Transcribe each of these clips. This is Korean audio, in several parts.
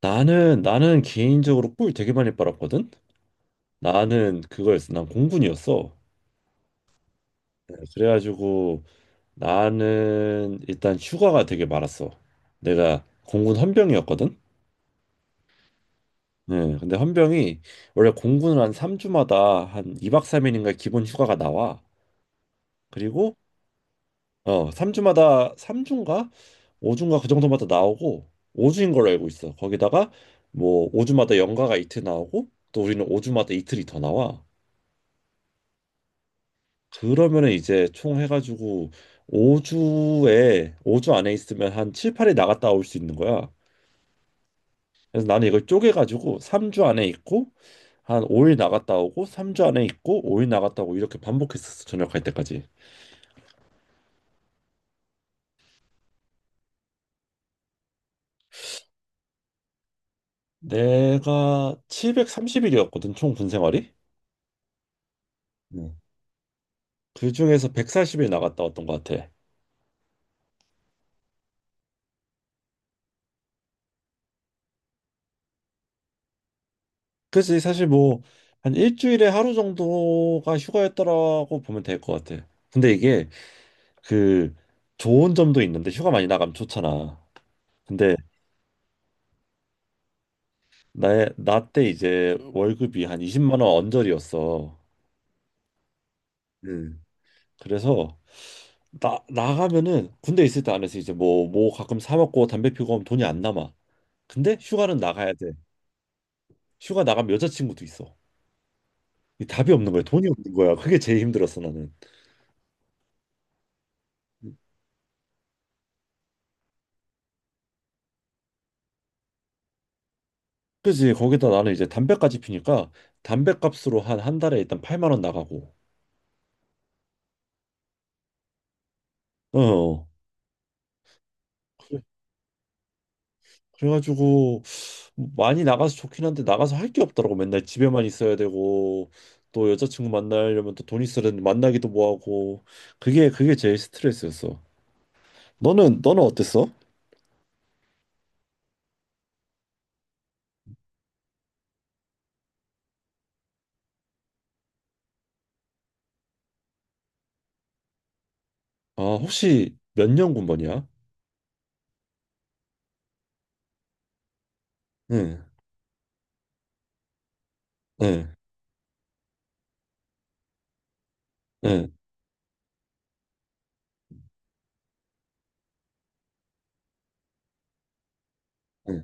나는 개인적으로 꿀 되게 많이 빨았거든. 나는 그거였어. 난 공군이었어. 네, 그래가지고 나는 일단 휴가가 되게 많았어. 내가 공군 헌병이었거든. 네, 근데 헌병이 원래 공군은 한 3주마다 한 2박 3일인가 기본 휴가가 나와. 그리고 3주마다 삼 주인가 5주인가 그 정도마다 나오고 5주인 걸로 알고 있어. 거기다가 뭐 5주마다 연가가 이틀 나오고 또 우리는 5주마다 이틀이 더 나와. 그러면은 이제 총 해가지고 5주에 5주 안에 있으면 한 7, 8일 나갔다 올 수 있는 거야. 그래서 나는 이걸 쪼개가지고 3주 안에 있고 한 5일 나갔다 오고 3주 안에 있고 5일 나갔다 오고 이렇게 반복했었어. 저녁 갈 때까지. 내가 730일이었거든 총 군 생활이. 음. 그 중에서 140일 나갔다 왔던 것 같아. 그치 사실 뭐 한 일주일에 하루 정도가 휴가였더라고 보면 될 것 같아. 근데 이게 그 좋은 점도 있는데 휴가 많이 나가면 좋잖아. 근데 나의 나 때 이제 월급이 한 20만 원 언저리였어. 음. 그래서 나 나가면은 군대 있을 때 안에서 이제 뭐 가끔 사 먹고 담배 피고 하면 돈이 안 남아. 근데 휴가는 나가야 돼. 휴가 나가면 여자친구도 있어. 이 답이 없는 거야. 돈이 없는 거야. 그게 제일 힘들었어 나는. 그지, 거기다 나는 이제 담배까지 피니까 담배값으로 한 한 달에 일단 8만 원 나가고. 어. 그래- 그래가지고 많이 나가서 좋긴 한데 나가서 할 게 없더라고. 맨날 집에만 있어야 되고 또 여자친구 만나려면 또 돈 있어야 되는데 만나기도 뭐하고, 그게 제일 스트레스였어. 너는 어땠어? 아, 혹시 몇 년 군번이야? 응, 응, 응, 응,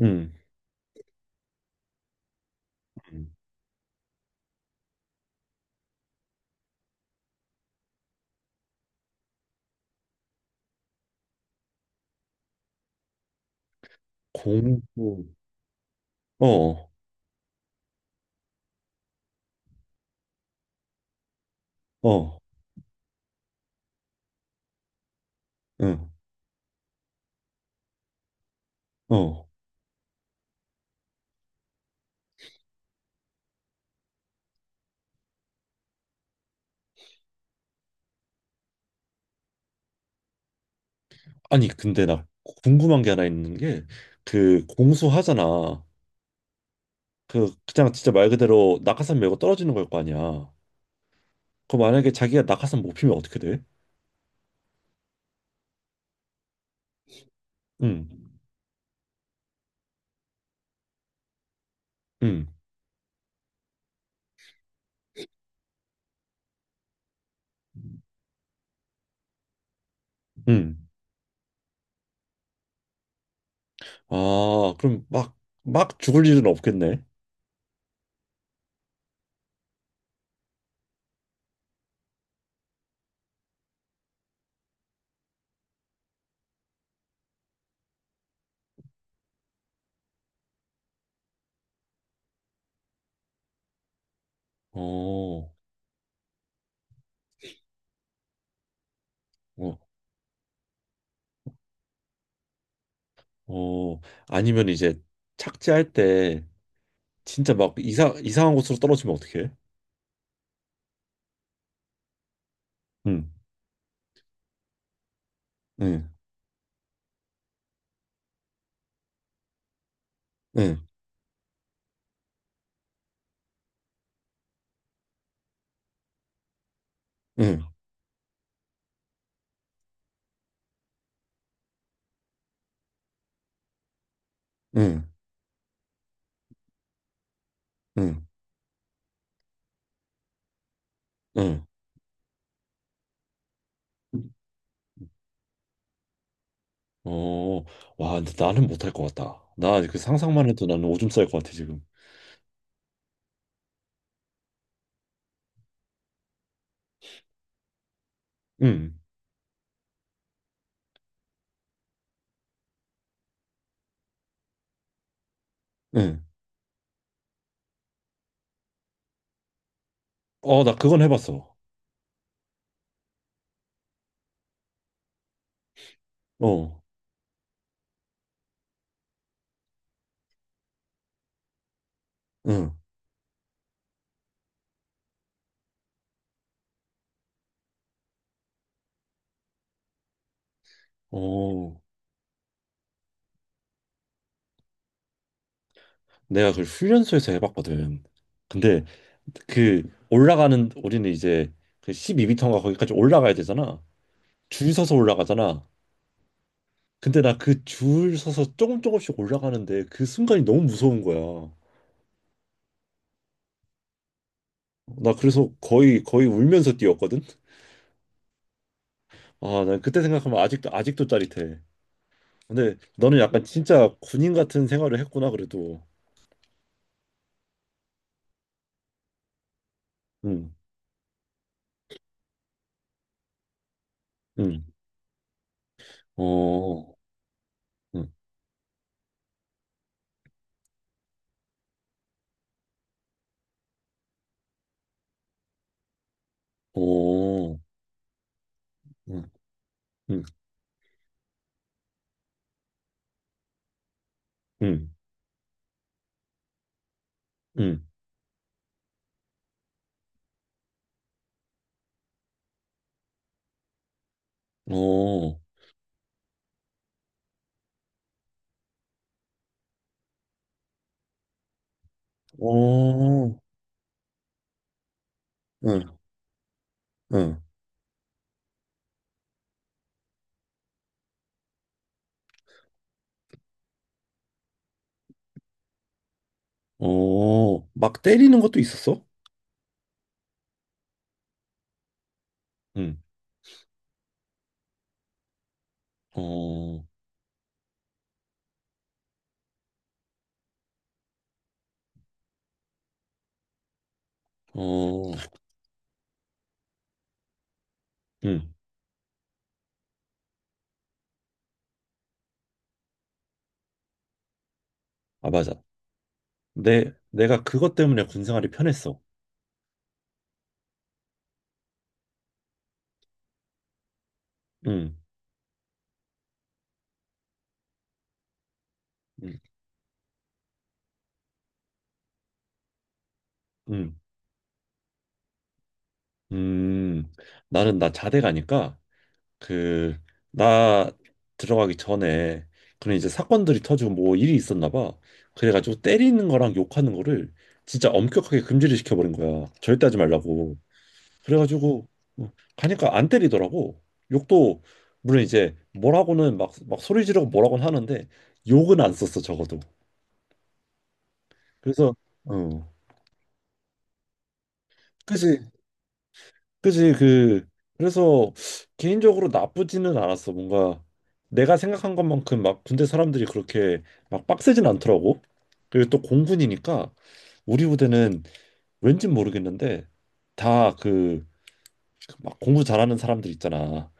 응. 공부. 어, 어, 응, 어. 아니, 근데 나 궁금한 게 하나 있는 게, 그 공수하잖아. 그냥 진짜 말 그대로 낙하산 메고 떨어지는 걸 거 아니야. 그럼 만약에 자기가 낙하산 못 피면 어떻게 돼? 응, 응, 응. 아, 그럼 막, 막 죽을 일은 없겠네. 어, 어, 어. 아니면 이제 착지할 때 진짜 막 이상한 곳으로 떨어지면 어떡해? 응, 응, 응, 응, 응, 응, 응. 어, 와, 근데 나는 못 할 것 같다. 나 그 상상만 해도 나는 오줌 쌀 것 같아, 지금. 응, 응. 어, 나 그건 해봤어. 어, 응, 어. 내가 그걸 훈련소에서 해봤거든. 근데 그 올라가는 우리는 이제 그 12m인가 거기까지 올라가야 되잖아. 줄 서서 올라가잖아. 근데 나 그 줄 서서 조금 조금씩 올라가는데 그 순간이 너무 무서운 거야. 나 그래서 거의 거의 울면서 뛰었거든. 아, 난 그때 생각하면 아직도 아직도 짜릿해. 근데 너는 약간 진짜 군인 같은 생활을 했구나, 그래도. 응, 응, 어, 응, 어, 응, 응, 응, 응, 어. 어, 응, 응. 어, 막 때리는 것도 있었어? 응. 어, 어, 응. 아, 맞아. 내가 그것 때문에 군 생활이 편했어. 응, 응, 응. 음, 나는 나 자대 가니까, 그, 나 들어가기 전에, 그런 이제 사건들이 터지고 뭐 일이 있었나 봐. 그래가지고 때리는 거랑 욕하는 거를 진짜 엄격하게 금지를 시켜버린 거야. 절대 하지 말라고. 그래가지고 가니까 안 때리더라고. 욕도 물론 이제 뭐라고는 막 막 소리 지르고 뭐라고는 하는데, 욕은 안 썼어 적어도. 그래서, 어 그지, 그지, 그래서 개인적으로 나쁘지는 않았어. 뭔가 내가 생각한 것만큼 막 군대 사람들이 그렇게 막 빡세진 않더라고. 그리고 또 공군이니까 우리 부대는 왠진 모르겠는데 다 그 막 공부 잘하는 사람들 있잖아.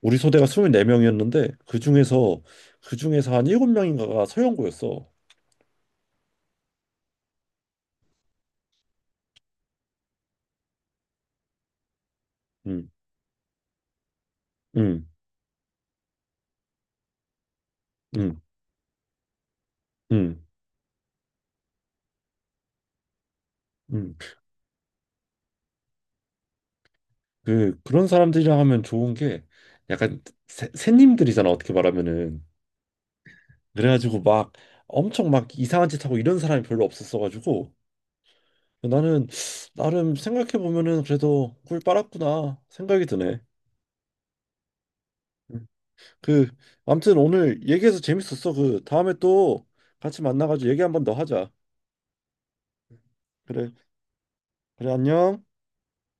우리 소대가 24명이었는데 그중에서 한 7명인가가 서영구였어. 음. 음. 음. 음. 음. 그런 사람들이랑 하면 좋은 게 약간 새님들이잖아, 어떻게 말하면은. 그래가지고 막 엄청 막 이상한 짓 하고 이런 사람이 별로 없었어 가지고, 나는 나름 생각해 보면은 그래도 꿀 빨았구나 생각이 드네. 음. 그 아무튼 오늘 얘기해서 재밌었어. 그 다음에 또 같이 만나가지고 얘기 한번 더 하자. 그래. 그래, 안녕.